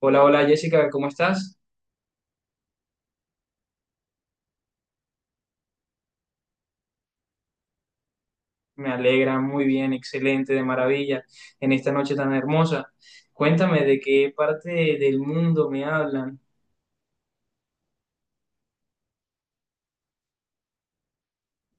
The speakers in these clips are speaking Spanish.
Hola, hola Jessica, ¿cómo estás? Me alegra, muy bien, excelente, de maravilla, en esta noche tan hermosa. Cuéntame de qué parte del mundo me hablan.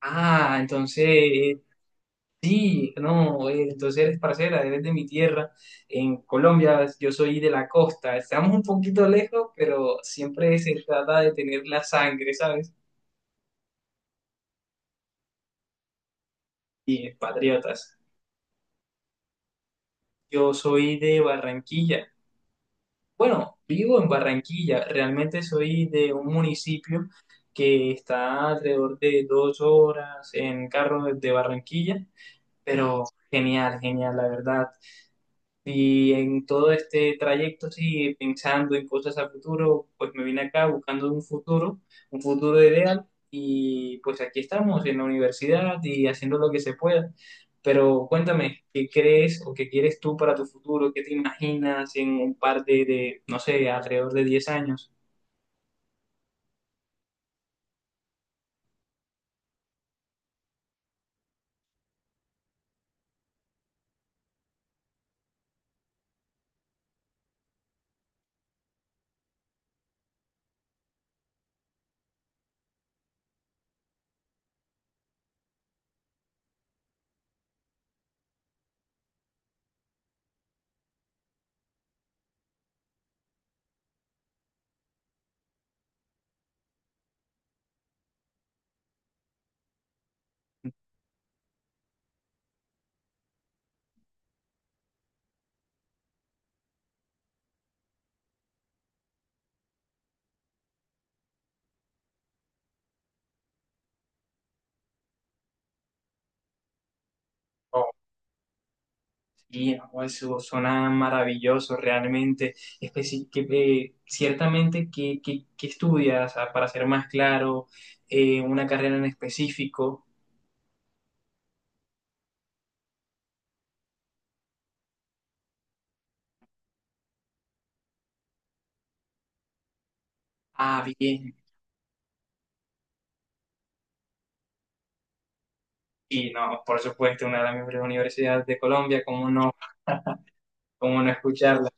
Ah, entonces, sí, no, entonces eres parcera, eres de mi tierra, en Colombia, yo soy de la costa, estamos un poquito lejos, pero siempre se trata de tener la sangre, ¿sabes? Y patriotas. Yo soy de Barranquilla. Bueno, vivo en Barranquilla. Realmente soy de un municipio que está alrededor de 2 horas en carro desde Barranquilla, pero genial, genial, la verdad. Y en todo este trayecto, sí, pensando en cosas a futuro, pues me vine acá buscando un futuro ideal, y pues aquí estamos en la universidad y haciendo lo que se pueda. Pero cuéntame, ¿qué crees o qué quieres tú para tu futuro? ¿Qué te imaginas en un par de, no sé, alrededor de 10 años? Sí, no, eso suena maravilloso realmente. Especi- que, ciertamente, ¿qué estudias? Ah, para ser más claro, una carrera en específico. Ah, bien. Y no, por supuesto, una de las mejores universidades de Colombia, cómo no escucharla?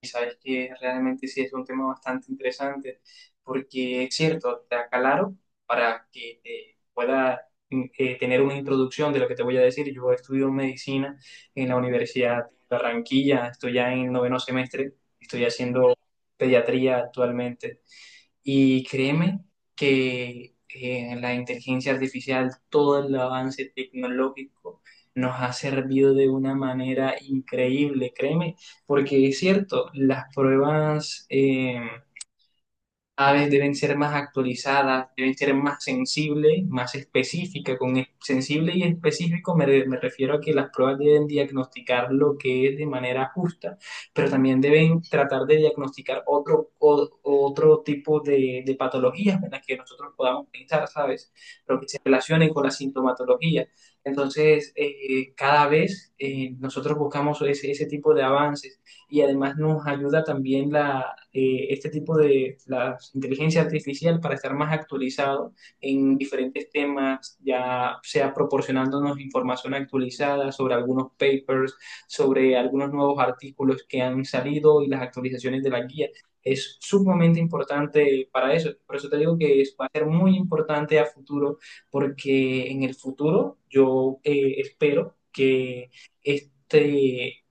Y sabes que realmente sí es un tema bastante interesante, porque es cierto, te aclaro para que te pueda tener una introducción de lo que te voy a decir. Yo estudio medicina en la Universidad de Barranquilla, estoy ya en noveno semestre, estoy haciendo pediatría actualmente. Y créeme que la inteligencia artificial, todo el avance tecnológico nos ha servido de una manera increíble, créeme, porque es cierto, las pruebas, aves deben ser más actualizadas, deben ser más sensibles, más específicas. Con sensible y específico me refiero a que las pruebas deben diagnosticar lo que es de manera justa, pero también deben tratar de diagnosticar otro tipo de patologías en las que nosotros podamos pensar, ¿sabes? Pero que se relacionen con la sintomatología. Entonces, cada vez nosotros buscamos ese tipo de avances y además nos ayuda también este tipo de la inteligencia artificial para estar más actualizado en diferentes temas, ya sea proporcionándonos información actualizada sobre algunos papers, sobre algunos nuevos artículos que han salido y las actualizaciones de la guía. Es sumamente importante para eso. Por eso te digo que va a ser muy importante a futuro, porque en el futuro yo espero que este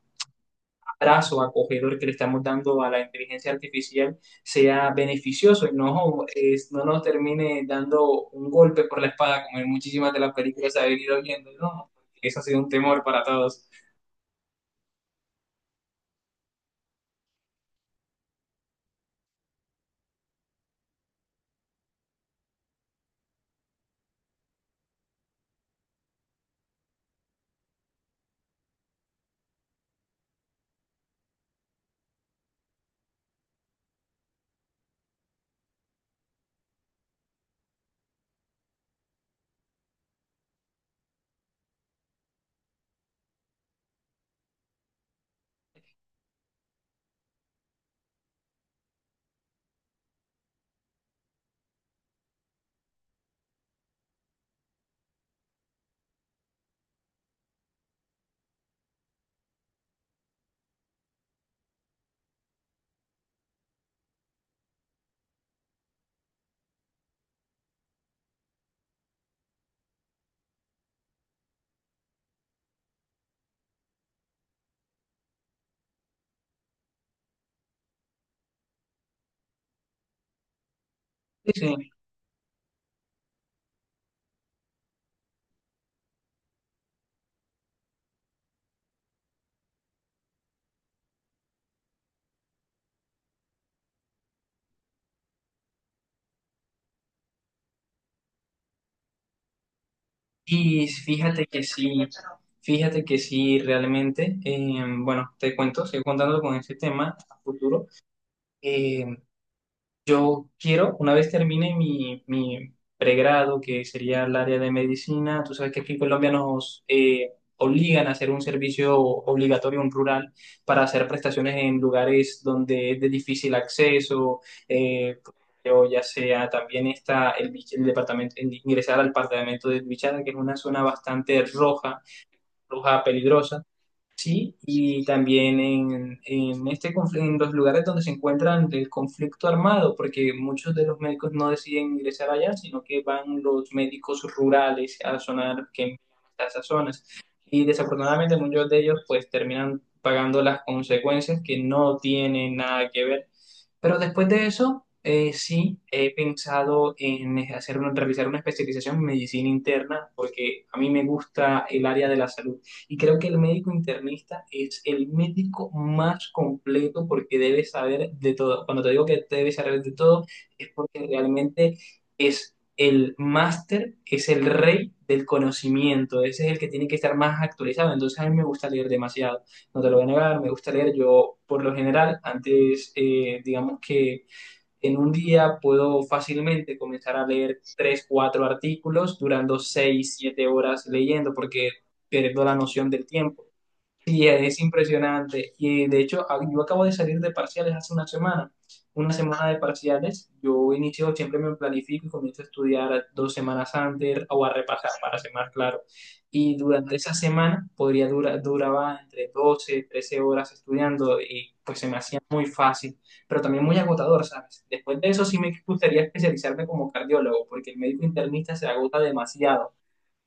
abrazo acogedor que le estamos dando a la inteligencia artificial sea beneficioso y no, no nos termine dando un golpe por la espada como en muchísimas de las películas se ha venido viendo, ¿no? Eso ha sido un temor para todos. Sí. Y fíjate que sí, realmente, bueno, te cuento, sigo contando con ese tema a futuro. Eh, Yo quiero, una vez termine mi pregrado, que sería el área de medicina, tú sabes que aquí en Colombia nos obligan a hacer un servicio obligatorio, un rural, para hacer prestaciones en lugares donde es de difícil acceso, eh, o ya sea también está el departamento, ingresar al departamento de Bichada, que es una zona bastante roja, roja peligrosa. Sí, y también en los lugares donde se encuentran el conflicto armado, porque muchos de los médicos no deciden ingresar allá, sino que van los médicos rurales a zonar que envían a esas zonas. Y desafortunadamente muchos de ellos pues terminan pagando las consecuencias que no tienen nada que ver. Pero después de eso, sí, he pensado en realizar una especialización en medicina interna, porque a mí me gusta el área de la salud y creo que el médico internista es el médico más completo porque debe saber de todo. Cuando te digo que debe saber de todo, es porque realmente es el máster, es el rey del conocimiento. Ese es el que tiene que estar más actualizado. Entonces a mí me gusta leer demasiado. No te lo voy a negar, me gusta leer. Yo, por lo general, antes, digamos que en un día puedo fácilmente comenzar a leer tres, cuatro artículos durando 6, 7 horas leyendo porque pierdo la noción del tiempo. Sí, es impresionante. Y de hecho, yo acabo de salir de parciales hace una semana. Una semana de parciales, yo inicio, siempre me planifico y comienzo a estudiar 2 semanas antes o a repasar para ser más claro. Y durante esa semana podría duraba entre 12 13 horas estudiando y pues se me hacía muy fácil, pero también muy agotador, ¿sabes? Después de eso sí me gustaría especializarme como cardiólogo, porque el médico internista se agota demasiado.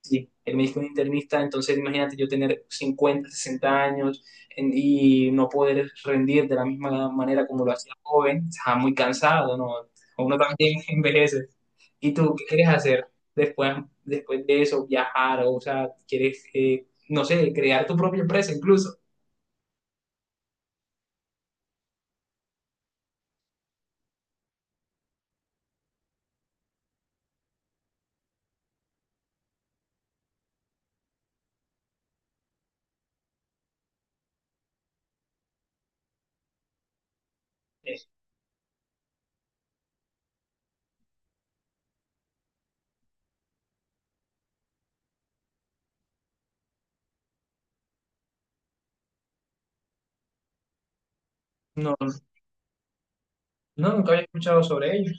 Sí, el médico es internista, entonces imagínate yo tener 50 60 años y no poder rendir de la misma manera como lo hacía joven, está muy cansado, ¿no? Uno también envejece. ¿Y tú qué quieres hacer después, después de eso? ¿Viajar? O sea, ¿quieres, no sé, crear tu propia empresa incluso? Eh, No, no, nunca había escuchado sobre ello.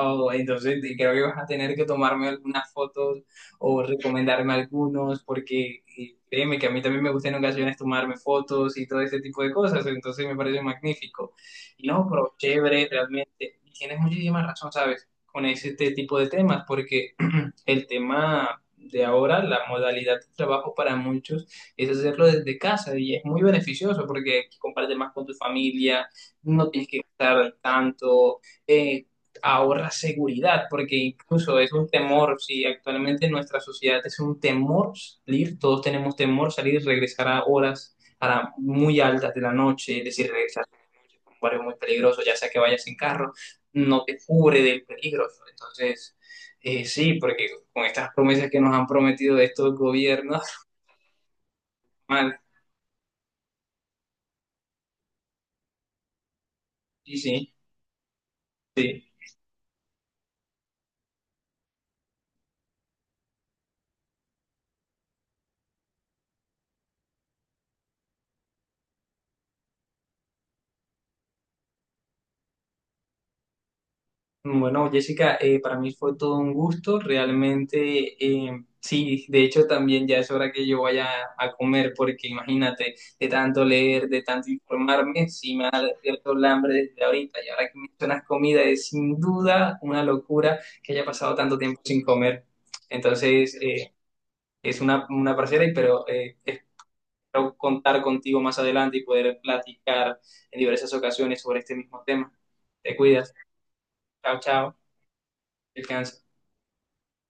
Oh, entonces creo que vas a tener que tomarme algunas fotos o recomendarme algunos, porque y créeme que a mí también me gusta en ocasiones tomarme fotos y todo ese tipo de cosas, entonces me parece magnífico. Y no, pero chévere, realmente. Y tienes muchísima razón, ¿sabes? Con ese este tipo de temas, porque el tema de ahora, la modalidad de trabajo para muchos es hacerlo desde casa y es muy beneficioso porque compartes más con tu familia, no tienes que gastar tanto, eh, ahorra seguridad, porque incluso es un temor, si actualmente en nuestra sociedad es un temor salir, todos tenemos temor salir y regresar a horas muy altas de la noche, es decir, regresar a la noche por un barrio muy peligroso, ya sea que vayas en carro, no te cubre del peligro, entonces. Sí, porque con estas promesas que nos han prometido de estos gobiernos, mal, sí, sí, sí. Bueno, Jessica, para mí fue todo un gusto, realmente, sí, de hecho también ya es hora que yo vaya a comer, porque imagínate, de tanto leer, de tanto informarme, sí me ha despierto el hambre desde ahorita, y ahora que mencionas comida, es sin duda una locura que haya pasado tanto tiempo sin comer. Entonces, es una parcera, y pero espero contar contigo más adelante y poder platicar en diversas ocasiones sobre este mismo tema. Te cuidas. Chao, chao. Descansa.